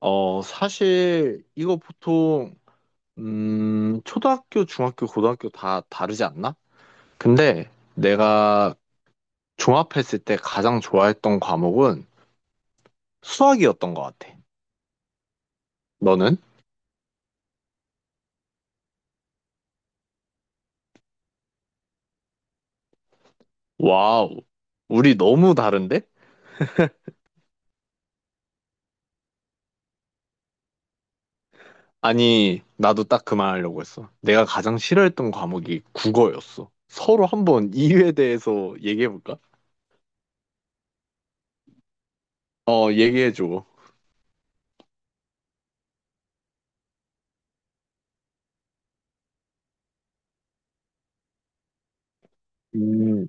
사실 이거 보통 초등학교, 중학교, 고등학교 다 다르지 않나? 근데 내가 종합했을 때 가장 좋아했던 과목은 수학이었던 것 같아. 너는? 와우, 우리 너무 다른데? 아니, 나도 딱 그 말 하려고 했어. 내가 가장 싫어했던 과목이 국어였어. 서로 한번 이유에 대해서 얘기해볼까? 얘기해줘. 음.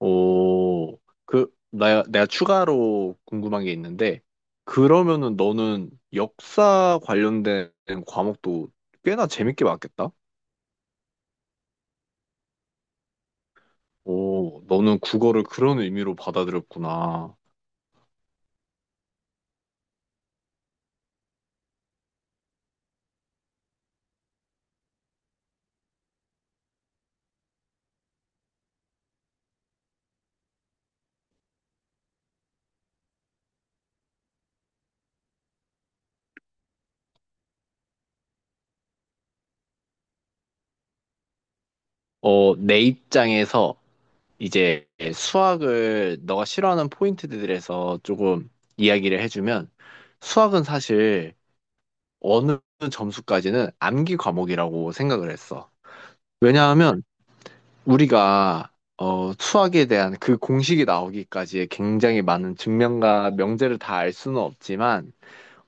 오, 내가 추가로 궁금한 게 있는데, 그러면은 너는 역사 관련된 과목도 꽤나 재밌게 봤겠다? 오, 너는 국어를 그런 의미로 받아들였구나. 어, 내 입장에서 이제 수학을 너가 싫어하는 포인트들에서 조금 이야기를 해주면, 수학은 사실 어느 점수까지는 암기 과목이라고 생각을 했어. 왜냐하면, 우리가 수학에 대한 그 공식이 나오기까지의 굉장히 많은 증명과 명제를 다 알 수는 없지만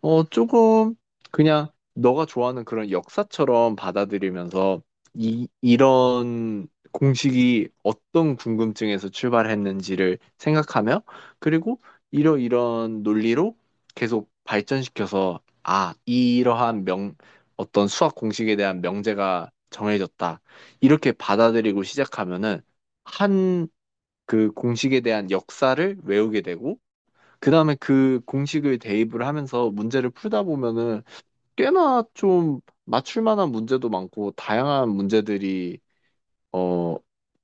조금 그냥 너가 좋아하는 그런 역사처럼 받아들이면서 이런 공식이 어떤 궁금증에서 출발했는지를 생각하며, 그리고 이러이런 논리로 계속 발전시켜서 아, 이러한 어떤 수학 공식에 대한 명제가 정해졌다. 이렇게 받아들이고 시작하면은 한 그 공식에 대한 역사를 외우게 되고 그 다음에 그 공식을 대입을 하면서 문제를 풀다 보면은 꽤나 좀 맞출 만한 문제도 많고 다양한 문제들이 어,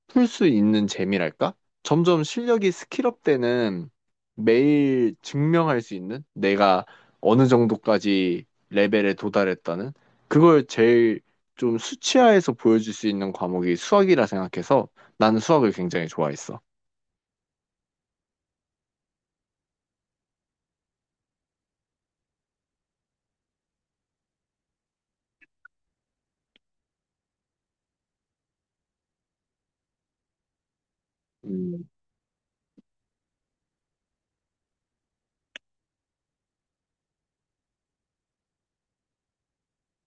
풀 수 있는 재미랄까? 점점 실력이 스킬업 되는, 매일 증명할 수 있는, 내가 어느 정도까지 레벨에 도달했다는 그걸 제일 좀 수치화해서 보여줄 수 있는 과목이 수학이라 생각해서 나는 수학을 굉장히 좋아했어. 음,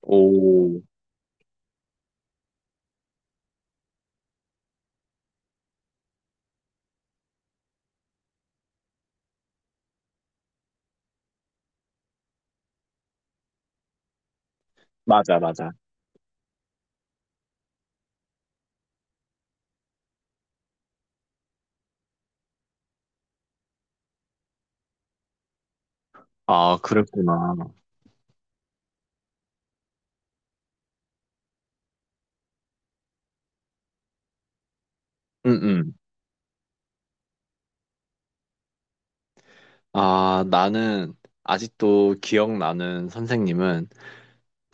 오, 맞아, 맞아. 아, 그랬구나. 응응. 아, 나는 아직도 기억나는 선생님은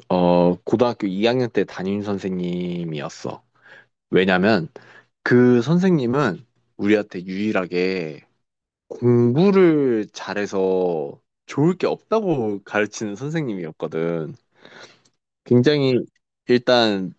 고등학교 2학년 때 담임 선생님이었어. 왜냐면 그 선생님은 우리한테 유일하게 공부를 잘해서 좋을 게 없다고 가르치는 선생님이었거든. 굉장히 일단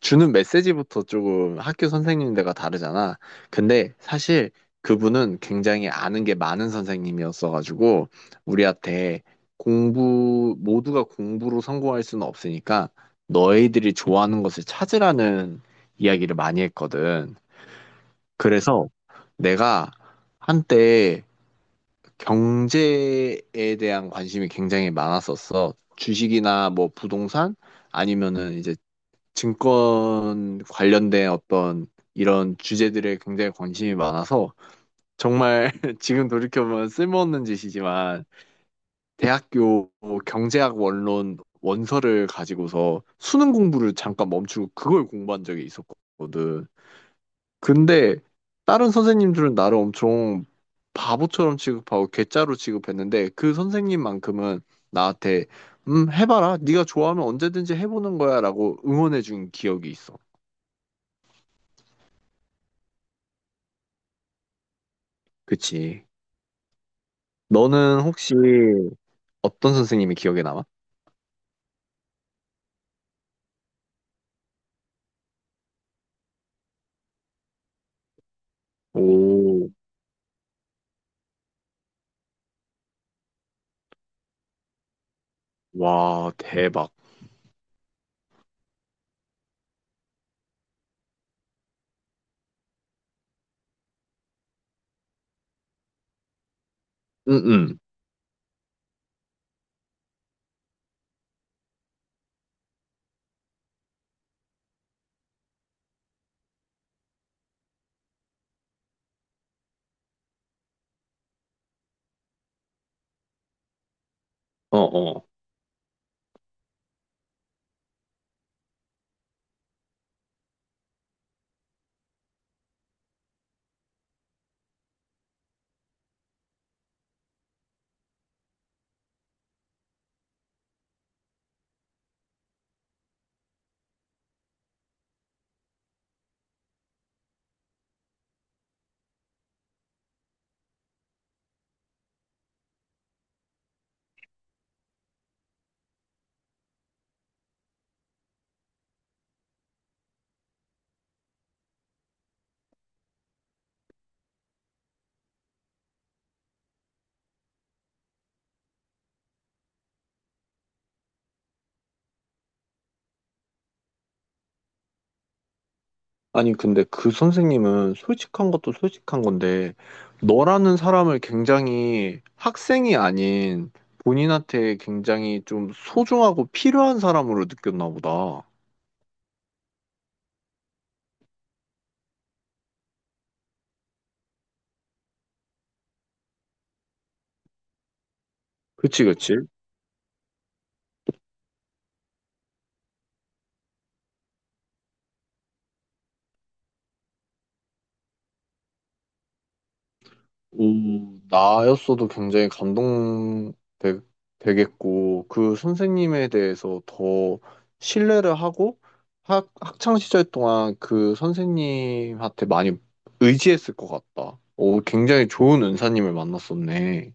주는 메시지부터 조금 학교 선생님들과 다르잖아. 근데 사실 그분은 굉장히 아는 게 많은 선생님이었어가지고 우리한테 공부, 모두가 공부로 성공할 수는 없으니까 너희들이 좋아하는 것을 찾으라는 이야기를 많이 했거든. 그래서 내가 한때 경제에 대한 관심이 굉장히 많았었어. 주식이나 뭐 부동산 아니면은 이제 증권 관련된 어떤 이런 주제들에 굉장히 관심이 많아서 정말 지금 돌이켜보면 쓸모없는 짓이지만 대학교 경제학 원론 원서를 가지고서 수능 공부를 잠깐 멈추고 그걸 공부한 적이 있었거든. 근데 다른 선생님들은 나를 엄청 바보처럼 취급하고 괴짜로 취급했는데 그 선생님만큼은 나한테 해봐라 네가 좋아하면 언제든지 해보는 거야라고 응원해준 기억이 있어. 그치. 너는 혹시 어떤 선생님이 기억에 남아? 오, 와, 대박. 응응. 어어. 아니, 근데 그 선생님은 솔직한 것도 솔직한 건데, 너라는 사람을 굉장히 학생이 아닌 본인한테 굉장히 좀 소중하고 필요한 사람으로 느꼈나 보다. 그치, 그치. 오, 나였어도 굉장히 되겠고, 그 선생님에 대해서 더 신뢰를 하고, 학창 시절 동안 그 선생님한테 많이 의지했을 것 같다. 오, 굉장히 좋은 은사님을 만났었네.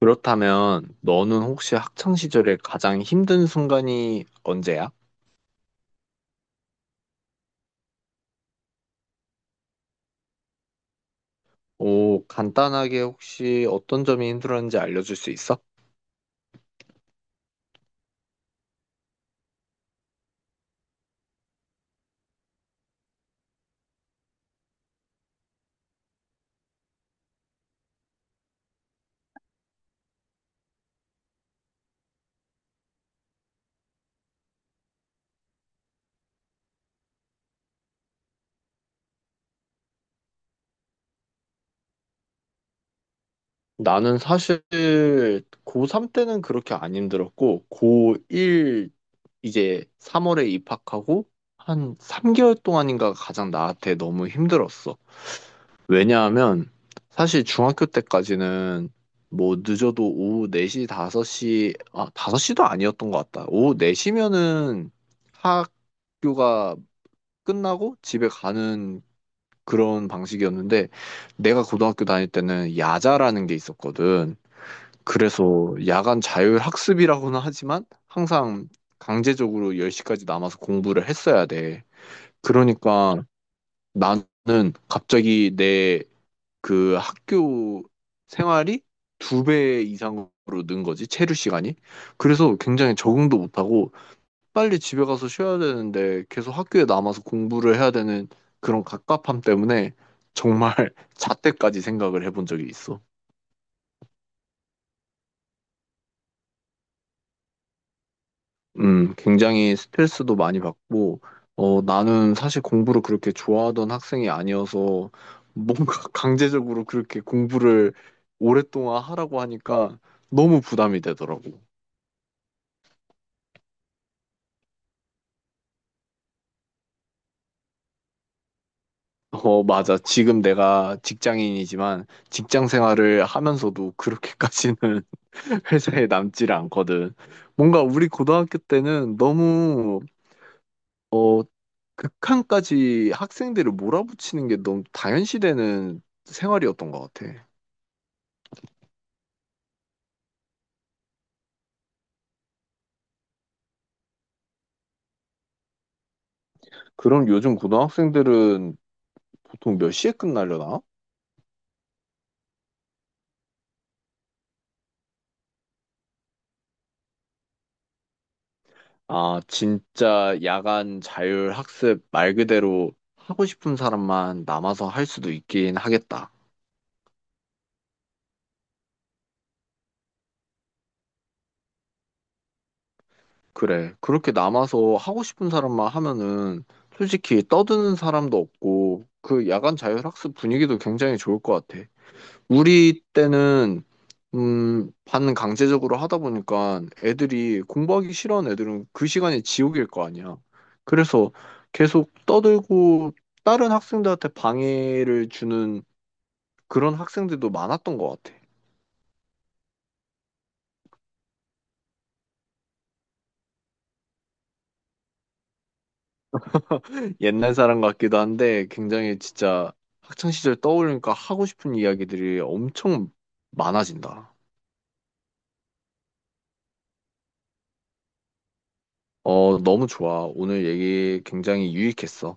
그렇다면, 너는 혹시 학창 시절에 가장 힘든 순간이 언제야? 오, 간단하게 혹시 어떤 점이 힘들었는지 알려줄 수 있어? 나는 사실 고3 때는 그렇게 안 힘들었고, 고1 이제 3월에 입학하고 한 3개월 동안인가 가장 나한테 너무 힘들었어. 왜냐하면 사실 중학교 때까지는 뭐 늦어도 오후 4시, 5시, 아, 5시도 아니었던 것 같다. 오후 4시면은 학교가 끝나고 집에 가는 그런 방식이었는데 내가 고등학교 다닐 때는 야자라는 게 있었거든. 그래서 야간 자율학습이라고는 하지만 항상 강제적으로 10시까지 남아서 공부를 했어야 돼. 그러니까 나는 갑자기 내 그 학교 생활이 두 배 이상으로 는 거지, 체류 시간이. 그래서 굉장히 적응도 못하고 빨리 집에 가서 쉬어야 되는데 계속 학교에 남아서 공부를 해야 되는 그런 갑갑함 때문에 정말 자퇴까지 생각을 해본 적이 있어. 굉장히 스트레스도 많이 받고, 나는 사실 공부를 그렇게 좋아하던 학생이 아니어서 뭔가 강제적으로 그렇게 공부를 오랫동안 하라고 하니까 너무 부담이 되더라고. 어, 맞아. 지금 내가 직장인이지만 직장 생활을 하면서도 그렇게까지는 회사에 남지를 않거든. 뭔가 우리 고등학교 때는 어, 극한까지 학생들을 몰아붙이는 게 너무 당연시되는 생활이었던 것 같아. 그럼 요즘 고등학생들은 보통 몇 시에 끝나려나? 아, 진짜 야간 자율학습 말 그대로 하고 싶은 사람만 남아서 할 수도 있긴 하겠다. 그래. 그렇게 남아서 하고 싶은 사람만 하면은 솔직히 떠드는 사람도 없고 그 야간 자율학습 분위기도 굉장히 좋을 것 같아. 우리 때는 반 강제적으로 하다 보니까 애들이 공부하기 싫어하는 애들은 그 시간이 지옥일 거 아니야. 그래서 계속 떠들고 다른 학생들한테 방해를 주는 그런 학생들도 많았던 것 같아. 옛날 사람 같기도 한데 굉장히 진짜 학창 시절 떠올리니까 하고 싶은 이야기들이 엄청 많아진다. 어, 너무 좋아. 오늘 얘기 굉장히 유익했어.